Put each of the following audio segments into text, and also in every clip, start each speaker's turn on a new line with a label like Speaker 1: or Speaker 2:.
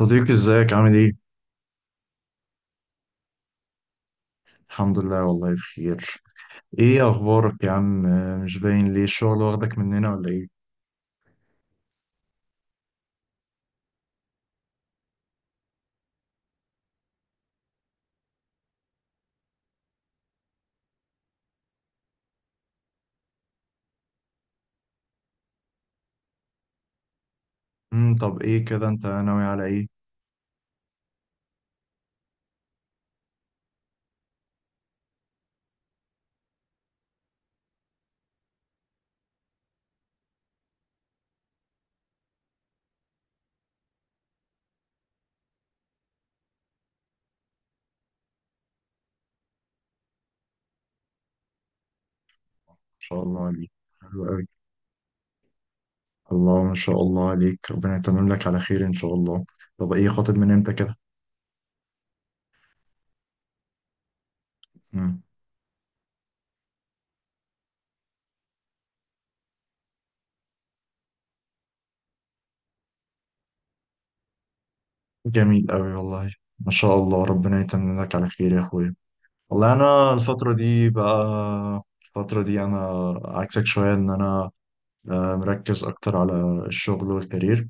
Speaker 1: صديقي، ازيك عامل ايه؟ الحمد لله، والله بخير. ايه اخبارك يا عم؟ مش باين ليه. الشغل واخدك مننا ولا ايه؟ طب ايه كده، انت ناوي على ايه؟ ان شاء الله عليك. حلو قوي. الله، ما شاء الله عليك، ربنا يتمم لك على خير ان شاء الله. طب ايه، خاطب من امتى كده؟ امم. جميل قوي والله. ما شاء الله، ربنا يتمم لك على خير يا اخويا. والله انا الفترة دي بقى، الفترة دي انا عكسك شوية، ان انا مركز اكتر على الشغل والكارير.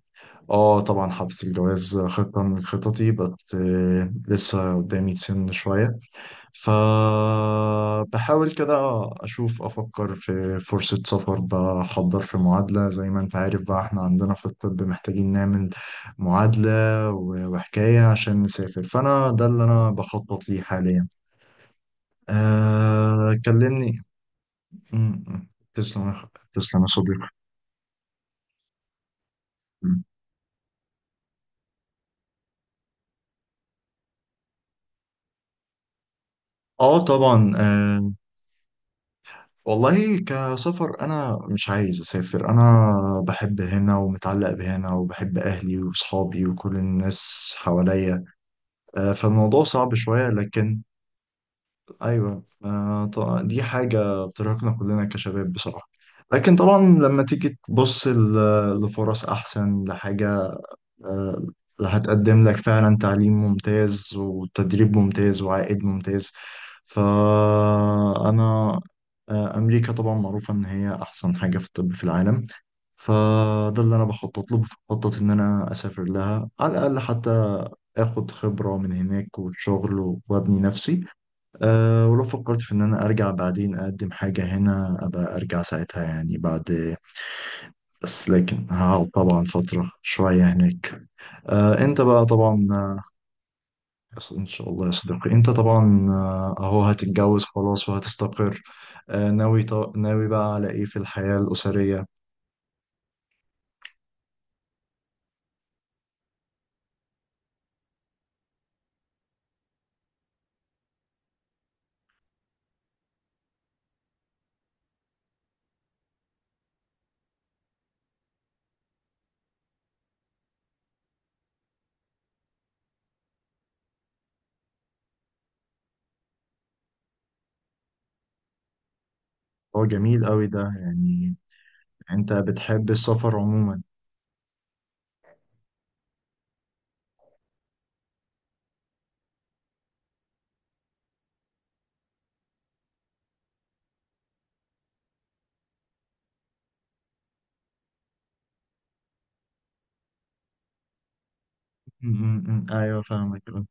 Speaker 1: اه طبعا، حاطط الجواز خطة من خططي، بس لسه قدامي سن شوية. فبحاول كده أشوف، أفكر في فرصة سفر، بحضر في معادلة. زي ما أنت عارف بقى، إحنا عندنا في الطب محتاجين نعمل معادلة، وحكاية، عشان نسافر. فأنا ده اللي أنا بخطط ليه حاليا. أه كلمني. م- م. تسلم يا تسلم يا صديقي. م. اه طبعا. والله كسفر انا مش عايز اسافر، انا بحب هنا ومتعلق بهنا، وبحب اهلي وصحابي وكل الناس حواليا. فالموضوع صعب شوية، لكن ايوه، دي حاجة بترهقنا كلنا كشباب بصراحة. لكن طبعا لما تيجي تبص لفرص احسن، لحاجة آه، هتقدم لك فعلا تعليم ممتاز وتدريب ممتاز وعائد ممتاز. فأنا أمريكا طبعا معروفة إن هي أحسن حاجة في الطب في العالم. فده اللي أنا بخطط له، بخطط إن أنا أسافر لها، على الأقل حتى اخد خبرة من هناك وشغل وابني نفسي. أه ولو فكرت في ان انا ارجع بعدين، اقدم حاجة هنا، ابقى ارجع ساعتها يعني، بعد. بس لكن هقعد طبعا فترة شوية هناك. انت بقى طبعا، ان شاء الله يا صديقي، انت طبعا اهو هتتجوز خلاص وهتستقر. ناوي ناوي بقى على ايه في الحياة الأسرية؟ هو جميل قوي ده يعني. انت بتحب السفر عموما؟ م- م- م. ايوه فاهمك.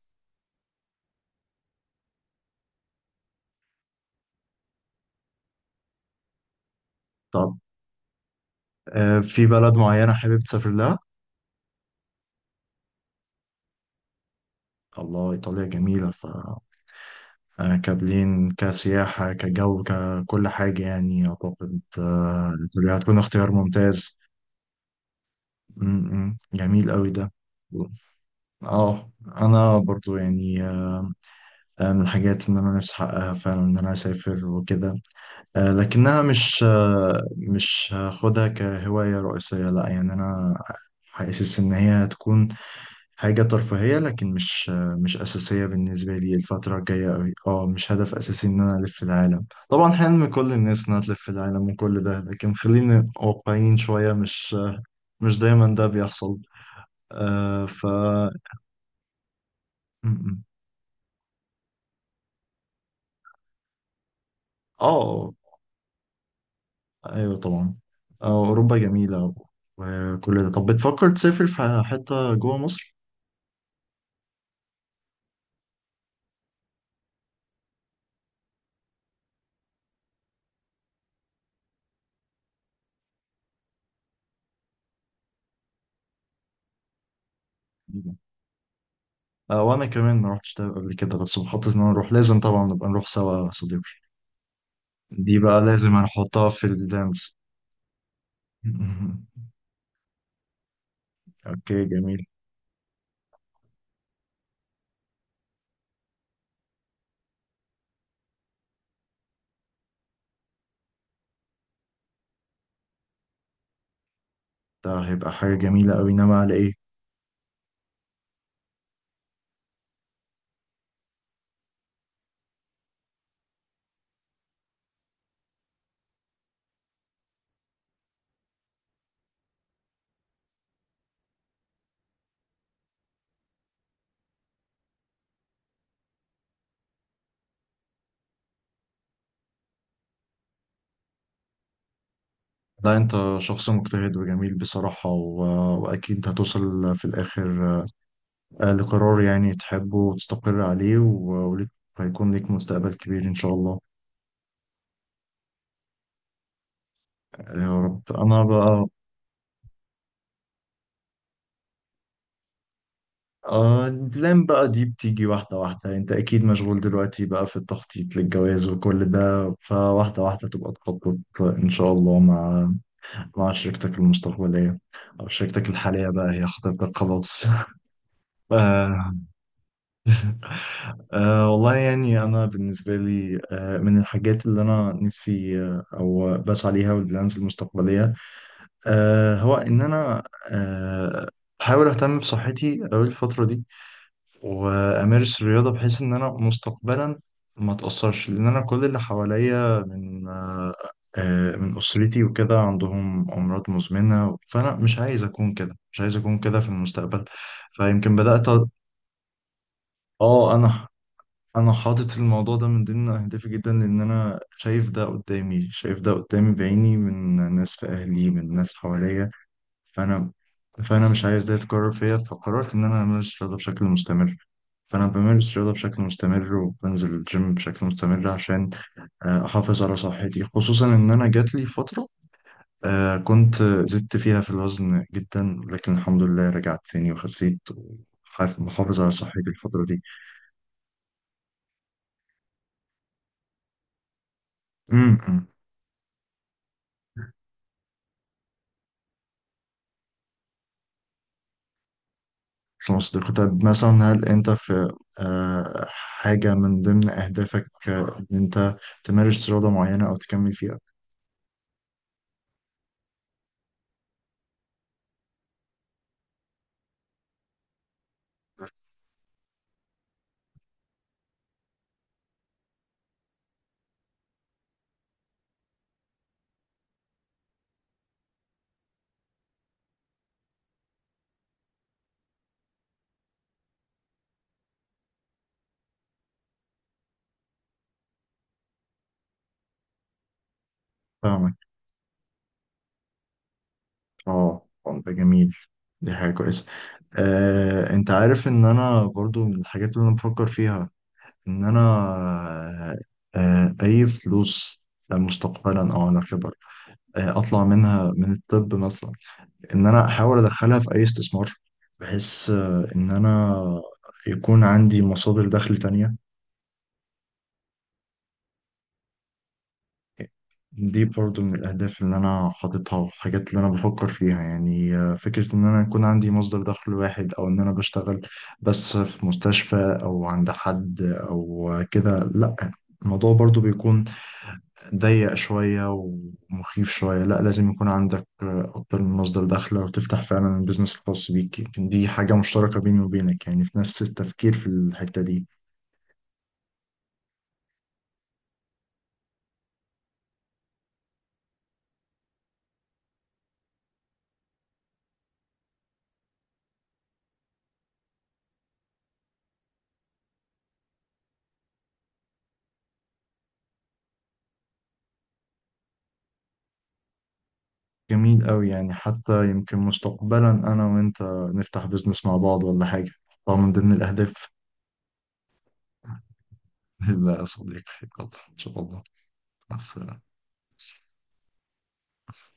Speaker 1: طب في بلد معينة حابب تسافر لها؟ الله، ايطاليا جميلة. ف آه، كبلين، كسياحة، كجو، ككل حاجة يعني. أعتقد إيطاليا هتكون اختيار ممتاز. م- م. جميل قوي ده. اه انا برضو يعني، من الحاجات ان انا نفسي احققها فعلا، ان انا اسافر وكده. لكنها مش هاخدها كهواية رئيسية، لا. يعني انا حاسس ان هي هتكون حاجة ترفيهية، لكن مش اساسية بالنسبة لي الفترة الجاية قوي. اه مش هدف اساسي ان انا الف العالم. طبعا حلم كل الناس انها تلف العالم وكل ده، لكن خلينا واقعيين شوية. مش دايما ده بيحصل. آه، ف م- م. اه ايوه طبعا. اوروبا جميله وكل ده. طب بتفكر تسافر في حته جوه مصر؟ وانا كمان ما رحتش ده قبل كده، بس بخطط ان انا اروح. لازم طبعا نبقى نروح سوا يا صديقي. دي بقى لازم هنحطها في الدانس. اوكي، جميل. ده هيبقى حاجه جميله قوي، انما على ايه؟ لا، انت شخص مجتهد وجميل بصراحه، و... واكيد هتوصل في الاخر لقرار يعني تحبه وتستقر عليه. و... وليك، هيكون ليك مستقبل كبير إن شاء الله. يا رب. أنا بقى آه لين بقى دي بتيجي واحدة واحدة. انت اكيد مشغول دلوقتي بقى في التخطيط للجواز وكل ده، فواحدة واحدة تبقى تخطط ان شاء الله، مع مع شريكتك المستقبلية، او شريكتك الحالية بقى، هي خطيبتك خلاص. آه. والله يعني، انا بالنسبة لي، من الحاجات اللي انا نفسي او بسعى ليها، والبلانز المستقبلية، هو ان انا آه بحاول اهتم بصحتي اوي الفترة دي، وامارس الرياضه، بحيث ان انا مستقبلا ما اتاثرش. لان انا كل اللي حواليا من، من اسرتي وكده، عندهم امراض مزمنه. فانا مش عايز اكون كده، مش عايز اكون كده في المستقبل. فيمكن بدات اه، انا حاطط الموضوع ده من ضمن اهدافي جدا. لان انا شايف ده قدامي، شايف ده قدامي بعيني، من ناس في اهلي، من ناس حواليا. فانا فانا مش عايز ده يتكرر فيا. فقررت ان انا امارس رياضه بشكل مستمر. فانا بمارس رياضه بشكل مستمر، وبنزل الجيم بشكل مستمر، عشان احافظ على صحتي. خصوصا ان انا جات لي فتره كنت زدت فيها في الوزن جدا، لكن الحمد لله رجعت تاني وخسيت، ومحافظ على صحتي الفتره دي. امم خلاص ده كنت. طب مثلا، هل انت في حاجه من ضمن اهدافك ان انت تمارس رياضه معينه او تكمل فيها؟ فاهمك. اه، ده جميل، دي حاجة كويسة. انت عارف ان انا برضو من الحاجات اللي انا بفكر فيها، ان انا آه، اي فلوس مستقبلا او على كبر اطلع منها من الطب مثلا، ان انا احاول ادخلها في اي استثمار، بحيث ان انا يكون عندي مصادر دخل تانية. دي برضو من الأهداف اللي أنا حاططها والحاجات اللي أنا بفكر فيها يعني. فكرة إن أنا يكون عندي مصدر دخل واحد، أو إن أنا بشتغل بس في مستشفى، أو عند حد أو كده، لأ. الموضوع برضو بيكون ضيق شوية ومخيف شوية. لأ، لازم يكون عندك أكتر من مصدر دخل، أو تفتح فعلا البيزنس الخاص بيك. يمكن دي حاجة مشتركة بيني وبينك، يعني في نفس التفكير في الحتة دي. جميل أوي، يعني حتى يمكن مستقبلا أنا وأنت نفتح بيزنس مع بعض ولا حاجة. طبعا من ضمن الأهداف. لا يا صديقي، يلا إن شاء الله. مع السلامة.